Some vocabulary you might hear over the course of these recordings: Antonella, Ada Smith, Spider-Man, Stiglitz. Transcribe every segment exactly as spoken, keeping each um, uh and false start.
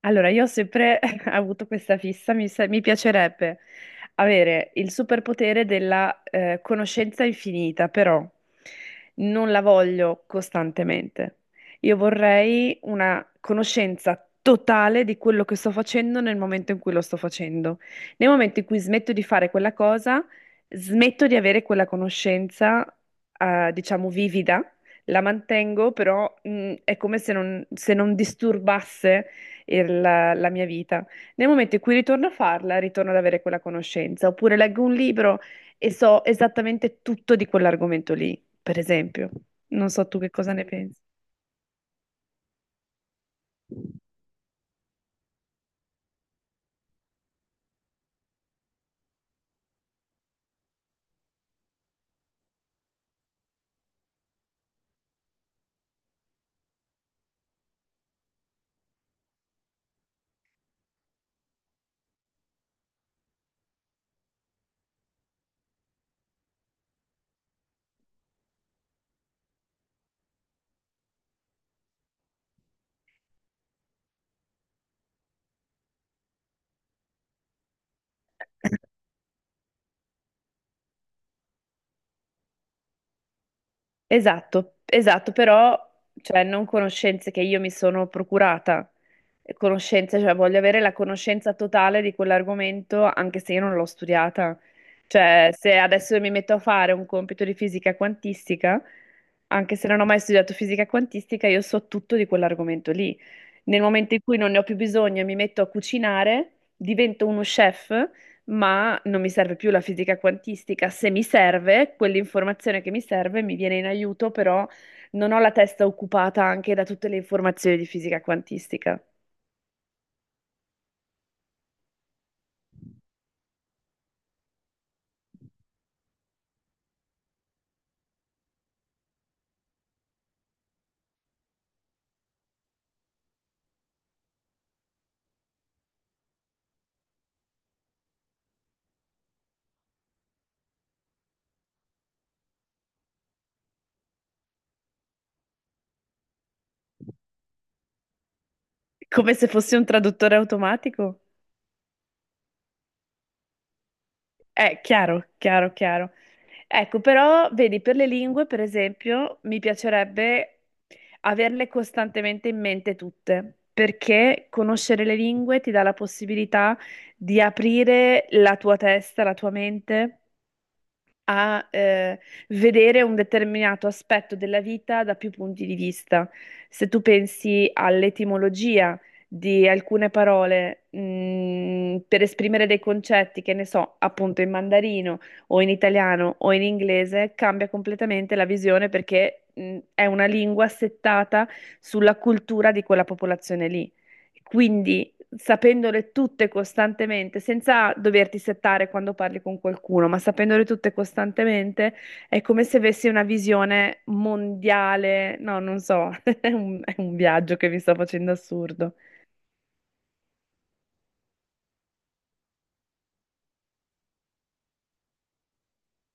Allora, io ho sempre avuto questa fissa, mi, sa- mi piacerebbe avere il superpotere della eh, conoscenza infinita, però non la voglio costantemente. Io vorrei una conoscenza totale di quello che sto facendo nel momento in cui lo sto facendo. Nel momento in cui smetto di fare quella cosa, smetto di avere quella conoscenza, eh, diciamo, vivida, la mantengo, però mh, è come se non se non disturbasse il- la, la mia vita. Nel momento in cui ritorno a farla, ritorno ad avere quella conoscenza. Oppure leggo un libro e so esattamente tutto di quell'argomento lì, per esempio. Non so tu che cosa ne pensi. Esatto, esatto, però cioè, non conoscenze che io mi sono procurata, conoscenze, cioè voglio avere la conoscenza totale di quell'argomento anche se io non l'ho studiata. Cioè, se adesso mi metto a fare un compito di fisica quantistica, anche se non ho mai studiato fisica quantistica, io so tutto di quell'argomento lì. Nel momento in cui non ne ho più bisogno e mi metto a cucinare, divento uno chef, ma non mi serve più la fisica quantistica. Se mi serve, quell'informazione che mi serve mi viene in aiuto, però non ho la testa occupata anche da tutte le informazioni di fisica quantistica. Come se fossi un traduttore automatico? Eh, chiaro, chiaro, chiaro. Ecco, però, vedi, per le lingue, per esempio, mi piacerebbe averle costantemente in mente tutte, perché conoscere le lingue ti dà la possibilità di aprire la tua testa, la tua mente a eh, vedere un determinato aspetto della vita da più punti di vista. Se tu pensi all'etimologia di alcune parole, mh, per esprimere dei concetti che ne so, appunto in mandarino o in italiano o in inglese, cambia completamente la visione perché mh, è una lingua settata sulla cultura di quella popolazione lì. Quindi sapendole tutte costantemente, senza doverti settare quando parli con qualcuno, ma sapendole tutte costantemente, è come se avessi una visione mondiale. No, non so, è un, è un viaggio che mi sto facendo assurdo.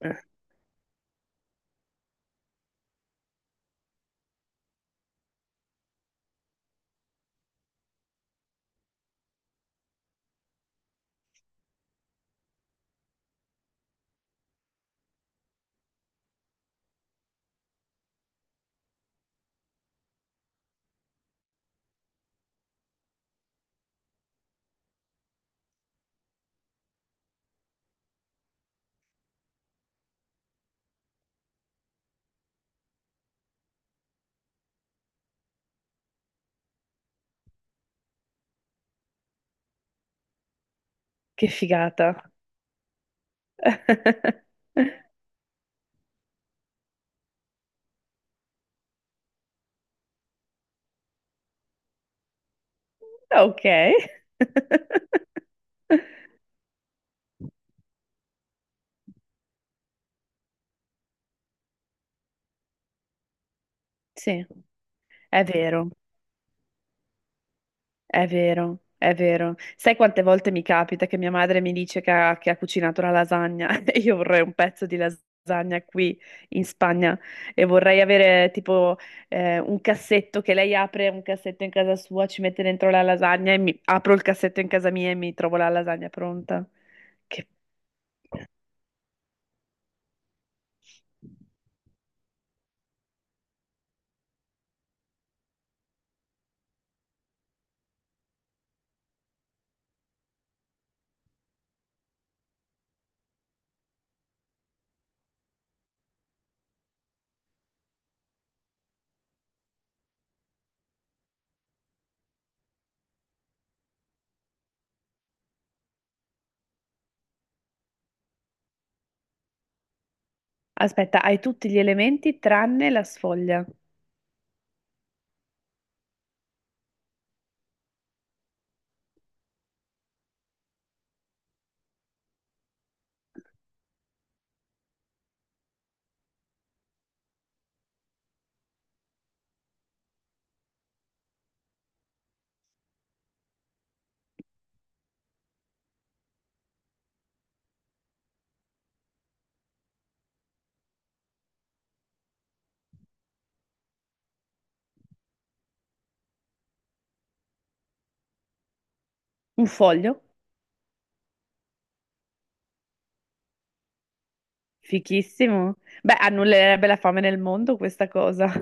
Eh, Che figata. Ok. Sì, è vero. È vero, è vero. Sai quante volte mi capita che mia madre mi dice che ha, che ha cucinato la lasagna e io vorrei un pezzo di lasagna qui in Spagna e vorrei avere tipo eh, un cassetto che lei apre un cassetto in casa sua, ci mette dentro la lasagna e mi apro il cassetto in casa mia e mi trovo la lasagna pronta. Che... Aspetta, hai tutti gli elementi tranne la sfoglia. Un foglio? Fichissimo. Beh, annullerebbe la fame nel mondo questa cosa.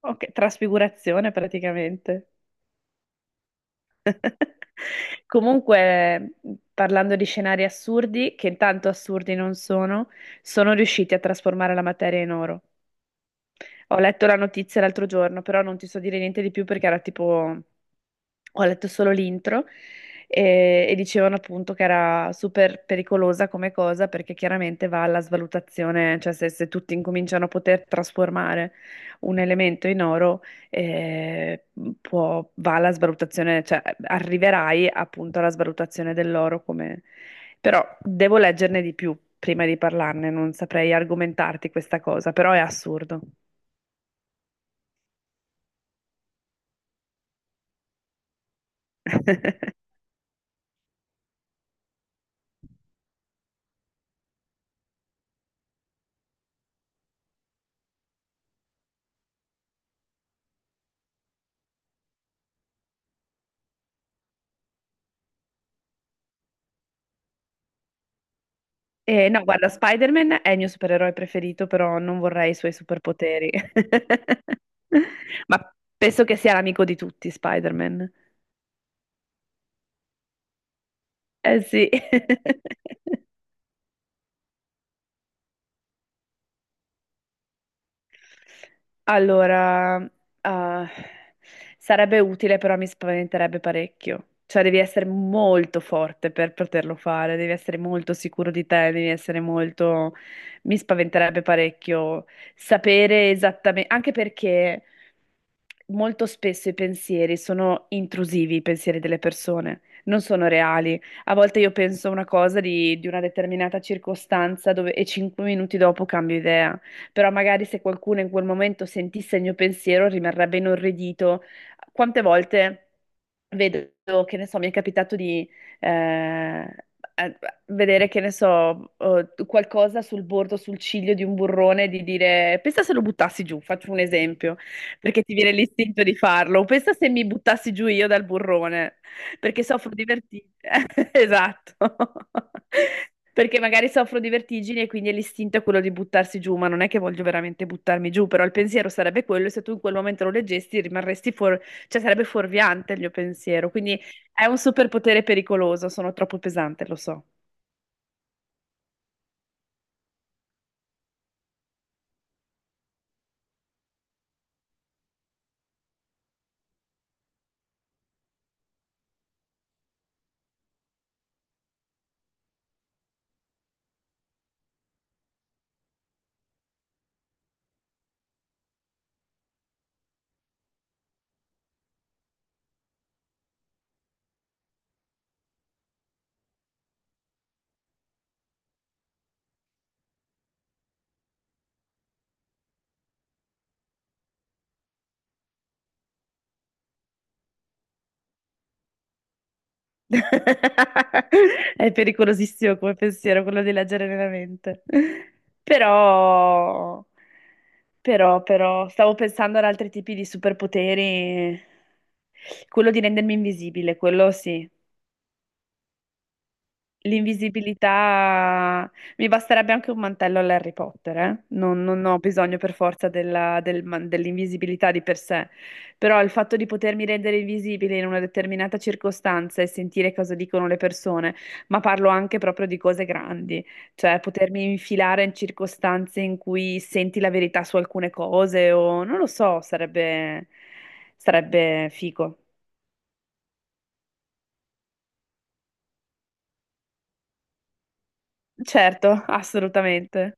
Ok, trasfigurazione praticamente. Comunque, parlando di scenari assurdi, che intanto assurdi non sono, sono riusciti a trasformare la materia in oro. Ho letto la notizia l'altro giorno, però non ti so dire niente di più perché era tipo ho letto solo l'intro e, e dicevano appunto che era super pericolosa come cosa perché chiaramente va alla svalutazione, cioè se, se tutti incominciano a poter trasformare un elemento in oro, eh, può- va alla svalutazione, cioè arriverai appunto alla svalutazione dell'oro come... Però devo leggerne di più prima di parlarne, non saprei argomentarti questa cosa, però è assurdo. Eh, no, guarda, Spider-Man è il mio supereroe preferito, però non vorrei i suoi superpoteri. Ma penso che sia l'amico di tutti, Spider-Man. Eh sì. Allora, ah, sarebbe utile, però mi spaventerebbe parecchio. Cioè, devi essere molto forte per poterlo fare, devi essere molto sicuro di te, devi essere molto... Mi spaventerebbe parecchio sapere esattamente, anche perché molto spesso i pensieri sono intrusivi, i pensieri delle persone, non sono reali. A volte io penso una cosa di, di una determinata circostanza dove- e cinque minuti dopo cambio idea però magari se qualcuno in quel momento sentisse il mio pensiero rimarrebbe inorridito. Quante volte? Vedo, che ne so, mi è capitato di eh, eh, vedere, che ne so, eh, qualcosa sul bordo, sul ciglio di un burrone, di dire, pensa se lo buttassi giù, faccio un esempio, perché ti viene l'istinto di farlo, pensa se mi buttassi giù io dal burrone, perché soffro di vertigini. Esatto. Perché magari soffro di vertigini e quindi l'istinto è quello di buttarsi giù, ma non è che voglio veramente buttarmi giù, però il pensiero sarebbe quello e se tu in quel momento lo leggesti rimarresti fuori cioè, sarebbe fuorviante il mio pensiero. Quindi è un superpotere pericoloso. Sono troppo pesante, lo so. È pericolosissimo come pensiero quello di leggere nella mente. Però, però, però, stavo pensando ad altri tipi di superpoteri. Quello di rendermi invisibile, quello sì. L'invisibilità, mi basterebbe anche un mantello all'Harry Potter, eh? Non, non ho bisogno per forza della- del man- dell'invisibilità di per sé, però il fatto di potermi rendere invisibile in una determinata circostanza e sentire cosa dicono le persone, ma parlo anche proprio di cose grandi, cioè potermi infilare in circostanze in cui senti la verità su alcune cose o non lo so, sarebbe, sarebbe figo. Certo, assolutamente.